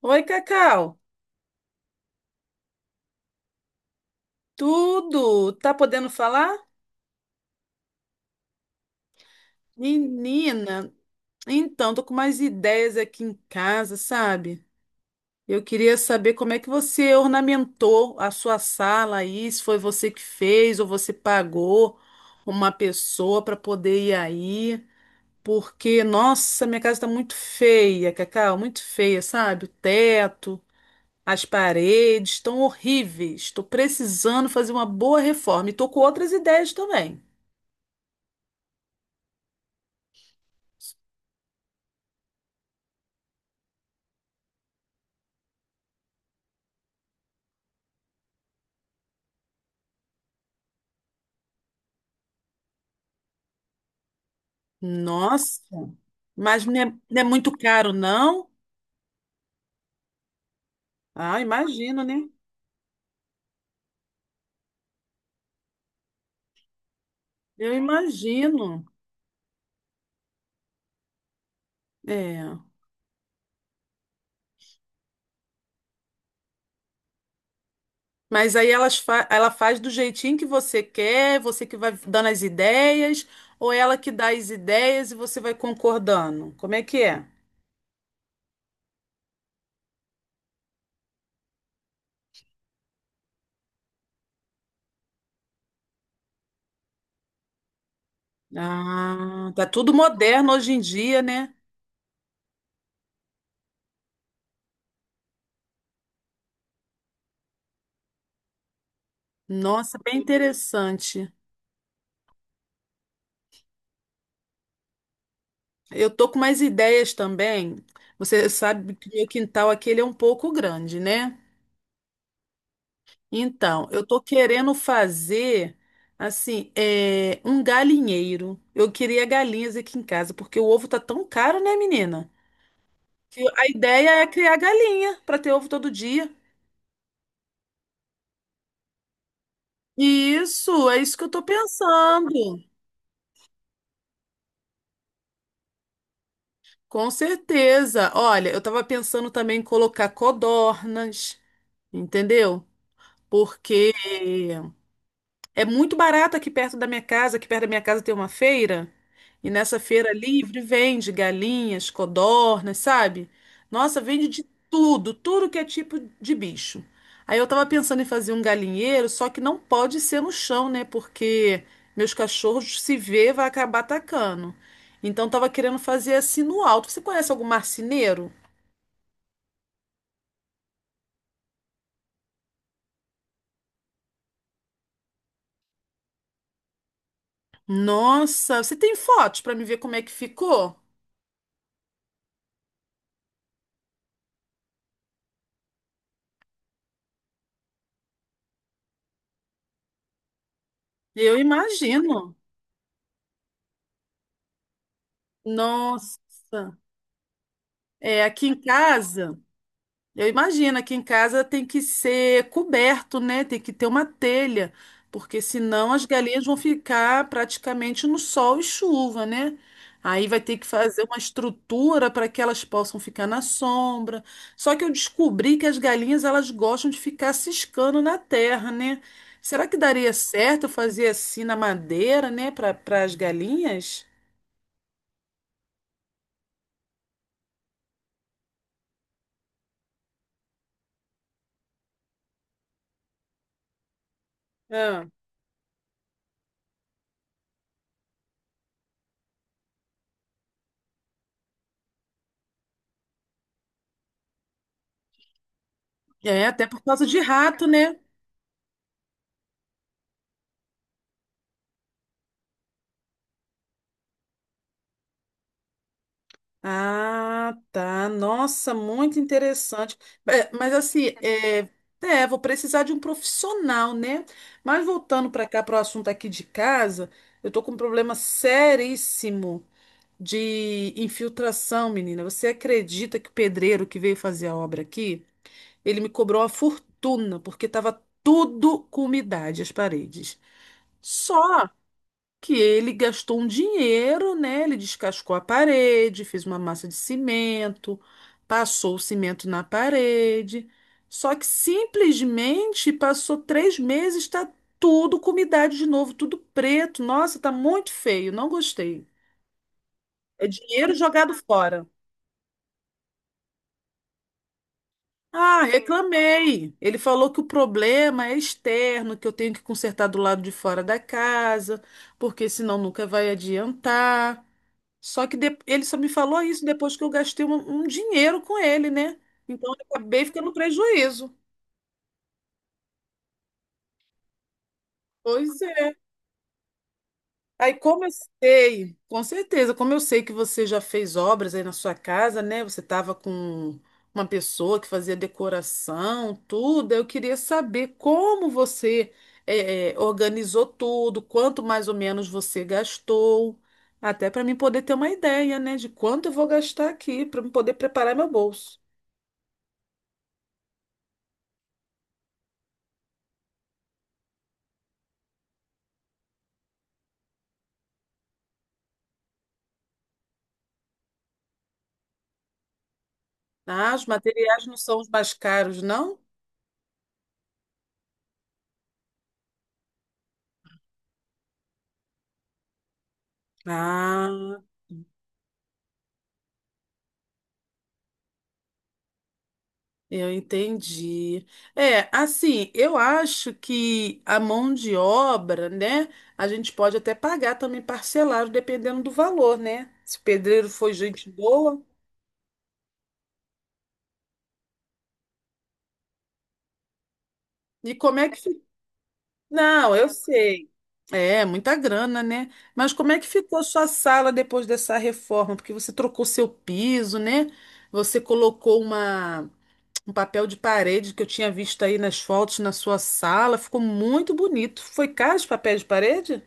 Oi, Cacau. Tudo? Tá podendo falar? Menina, então, tô com mais ideias aqui em casa, sabe? Eu queria saber como é que você ornamentou a sua sala aí, se foi você que fez ou você pagou uma pessoa para poder ir aí, porque, nossa, minha casa tá muito feia, Cacau, muito feia, sabe? O teto, as paredes estão horríveis. Tô precisando fazer uma boa reforma e tô com outras ideias também. Nossa, mas não é, não é muito caro, não? Ah, imagino, né? Eu imagino. É. Mas aí ela faz do jeitinho que você quer, você que vai dando as ideias, ou ela que dá as ideias e você vai concordando? Como é que é? Ah, tá tudo moderno hoje em dia, né? Nossa, bem interessante. Eu tô com umas ideias também. Você sabe que meu quintal aqui ele é um pouco grande, né? Então, eu tô querendo fazer assim, é, um galinheiro. Eu queria galinhas aqui em casa, porque o ovo tá tão caro, né, menina? Que a ideia é criar galinha para ter ovo todo dia. Isso, é isso que eu tô pensando. Com certeza. Olha, eu tava pensando também em colocar codornas, entendeu? Porque é muito barato aqui perto da minha casa. Aqui perto da minha casa tem uma feira. E nessa feira livre vende galinhas, codornas, sabe? Nossa, vende de tudo, tudo que é tipo de bicho. Aí eu tava pensando em fazer um galinheiro, só que não pode ser no chão, né? Porque meus cachorros se vê, vai acabar atacando. Então tava querendo fazer assim no alto. Você conhece algum marceneiro? Nossa, você tem fotos pra me ver como é que ficou? Eu imagino. Nossa. É, aqui em casa, eu imagino, aqui em casa tem que ser coberto, né? Tem que ter uma telha, porque senão as galinhas vão ficar praticamente no sol e chuva, né? Aí vai ter que fazer uma estrutura para que elas possam ficar na sombra. Só que eu descobri que as galinhas elas gostam de ficar ciscando na terra, né? Será que daria certo eu fazer assim na madeira, né, para as galinhas? Ah. É, até por causa de rato, né? Ah, tá. Nossa, muito interessante. É, mas assim, vou precisar de um profissional, né? Mas voltando para cá, para o assunto aqui de casa, eu tô com um problema seríssimo de infiltração, menina. Você acredita que o pedreiro que veio fazer a obra aqui, ele me cobrou uma fortuna, porque estava tudo com umidade as paredes. Só que ele gastou um dinheiro, né? Ele descascou a parede, fez uma massa de cimento, passou o cimento na parede. Só que simplesmente passou 3 meses, tá tudo com umidade de novo, tudo preto. Nossa, tá muito feio, não gostei. É dinheiro jogado fora. Ah, reclamei. Ele falou que o problema é externo, que eu tenho que consertar do lado de fora da casa, porque senão nunca vai adiantar. Só que ele só me falou isso depois que eu gastei um dinheiro com ele, né? Então eu acabei ficando no prejuízo. Pois é. Aí com certeza, como eu sei que você já fez obras aí na sua casa, né? Você estava com uma pessoa que fazia decoração, tudo. Eu queria saber como você organizou tudo, quanto mais ou menos você gastou, até para mim poder ter uma ideia, né? De quanto eu vou gastar aqui, para eu poder preparar meu bolso. Ah, os materiais não são os mais caros, não? Ah, eu entendi. É, assim, eu acho que a mão de obra, né? A gente pode até pagar também parcelado, dependendo do valor, né? Se o pedreiro for gente boa. E como é que fica? Não, eu sei. É, muita grana, né? Mas como é que ficou a sua sala depois dessa reforma? Porque você trocou seu piso, né? Você colocou uma. Um papel de parede que eu tinha visto aí nas fotos na sua sala. Ficou muito bonito. Foi caro esse papel de parede?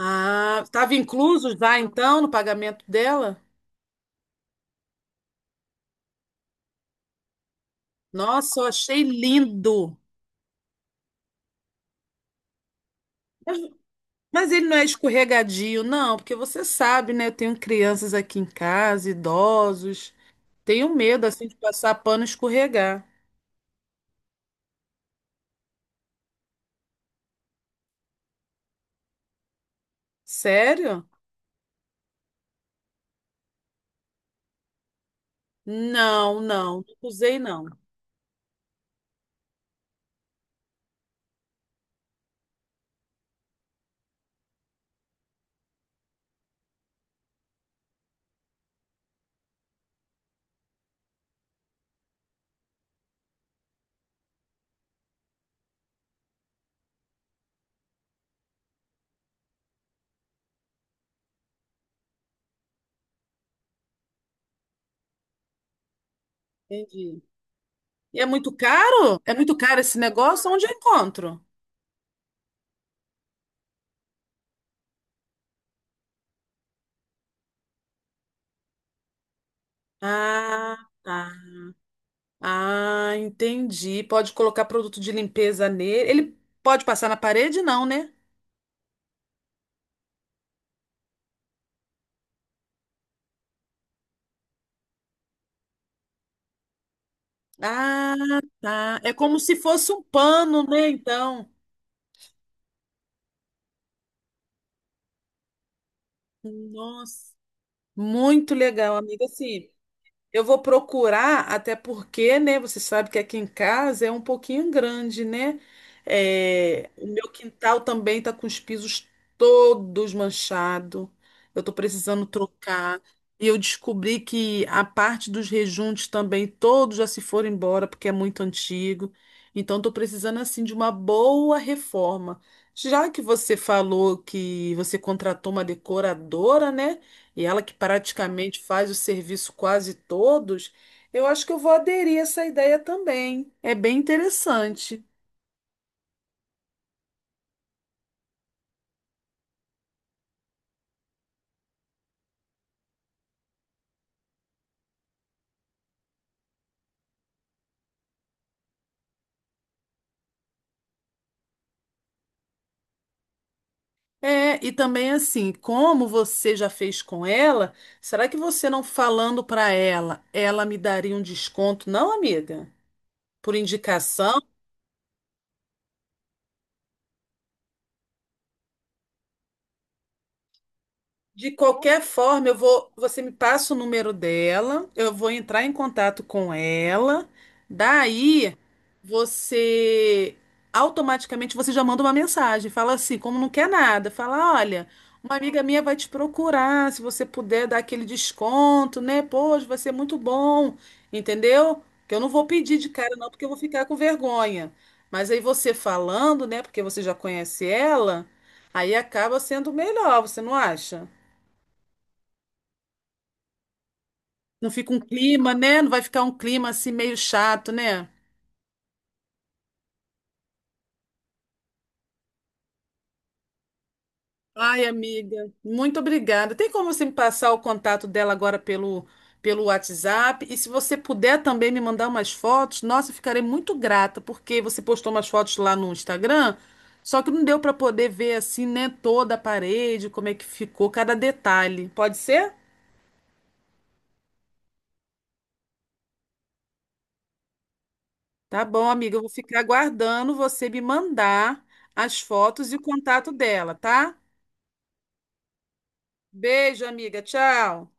Ah, estava incluso já então no pagamento dela? Nossa, eu achei lindo. Mas ele não é escorregadio, não, porque você sabe, né? Eu tenho crianças aqui em casa, idosos. Tenho medo, assim, de passar pano e escorregar. Sério? Não, não. Não usei, não. Entendi. E é muito caro? É muito caro esse negócio? Onde eu encontro? Ah, tá. Ah, entendi. Pode colocar produto de limpeza nele. Ele pode passar na parede, não, né? Ah, tá. É como se fosse um pano, né? Então, nossa, muito legal, amiga. Assim, eu vou procurar, até porque, né? Você sabe que aqui em casa é um pouquinho grande, né? É, o meu quintal também tá com os pisos todos manchados. Eu tô precisando trocar. E eu descobri que a parte dos rejuntos também, todos já se foram embora, porque é muito antigo. Então, tô precisando, assim, de uma boa reforma. Já que você falou que você contratou uma decoradora, né? e ela que praticamente faz o serviço quase todos, eu acho que eu vou aderir a essa ideia também. É bem interessante. É, e também assim, como você já fez com ela, será que você não falando para ela, ela me daria um desconto, não, amiga? Por indicação? De qualquer forma, eu vou, você me passa o número dela, eu vou entrar em contato com ela. Daí, você automaticamente você já manda uma mensagem, fala assim, como não quer nada, fala, olha, uma amiga minha vai te procurar, se você puder dar aquele desconto, né? Poxa, vai ser muito bom, entendeu? Que eu não vou pedir de cara não, porque eu vou ficar com vergonha. Mas aí você falando, né, porque você já conhece ela, aí acaba sendo melhor, você não acha? Não fica um clima, né? Não vai ficar um clima assim meio chato, né? Ai, amiga, muito obrigada. Tem como você me passar o contato dela agora pelo WhatsApp? E se você puder também me mandar umas fotos, nossa, eu ficarei muito grata, porque você postou umas fotos lá no Instagram, só que não deu para poder ver assim, né, toda a parede, como é que ficou cada detalhe. Pode ser? Tá bom, amiga, eu vou ficar aguardando você me mandar as fotos e o contato dela, tá? Beijo, amiga. Tchau.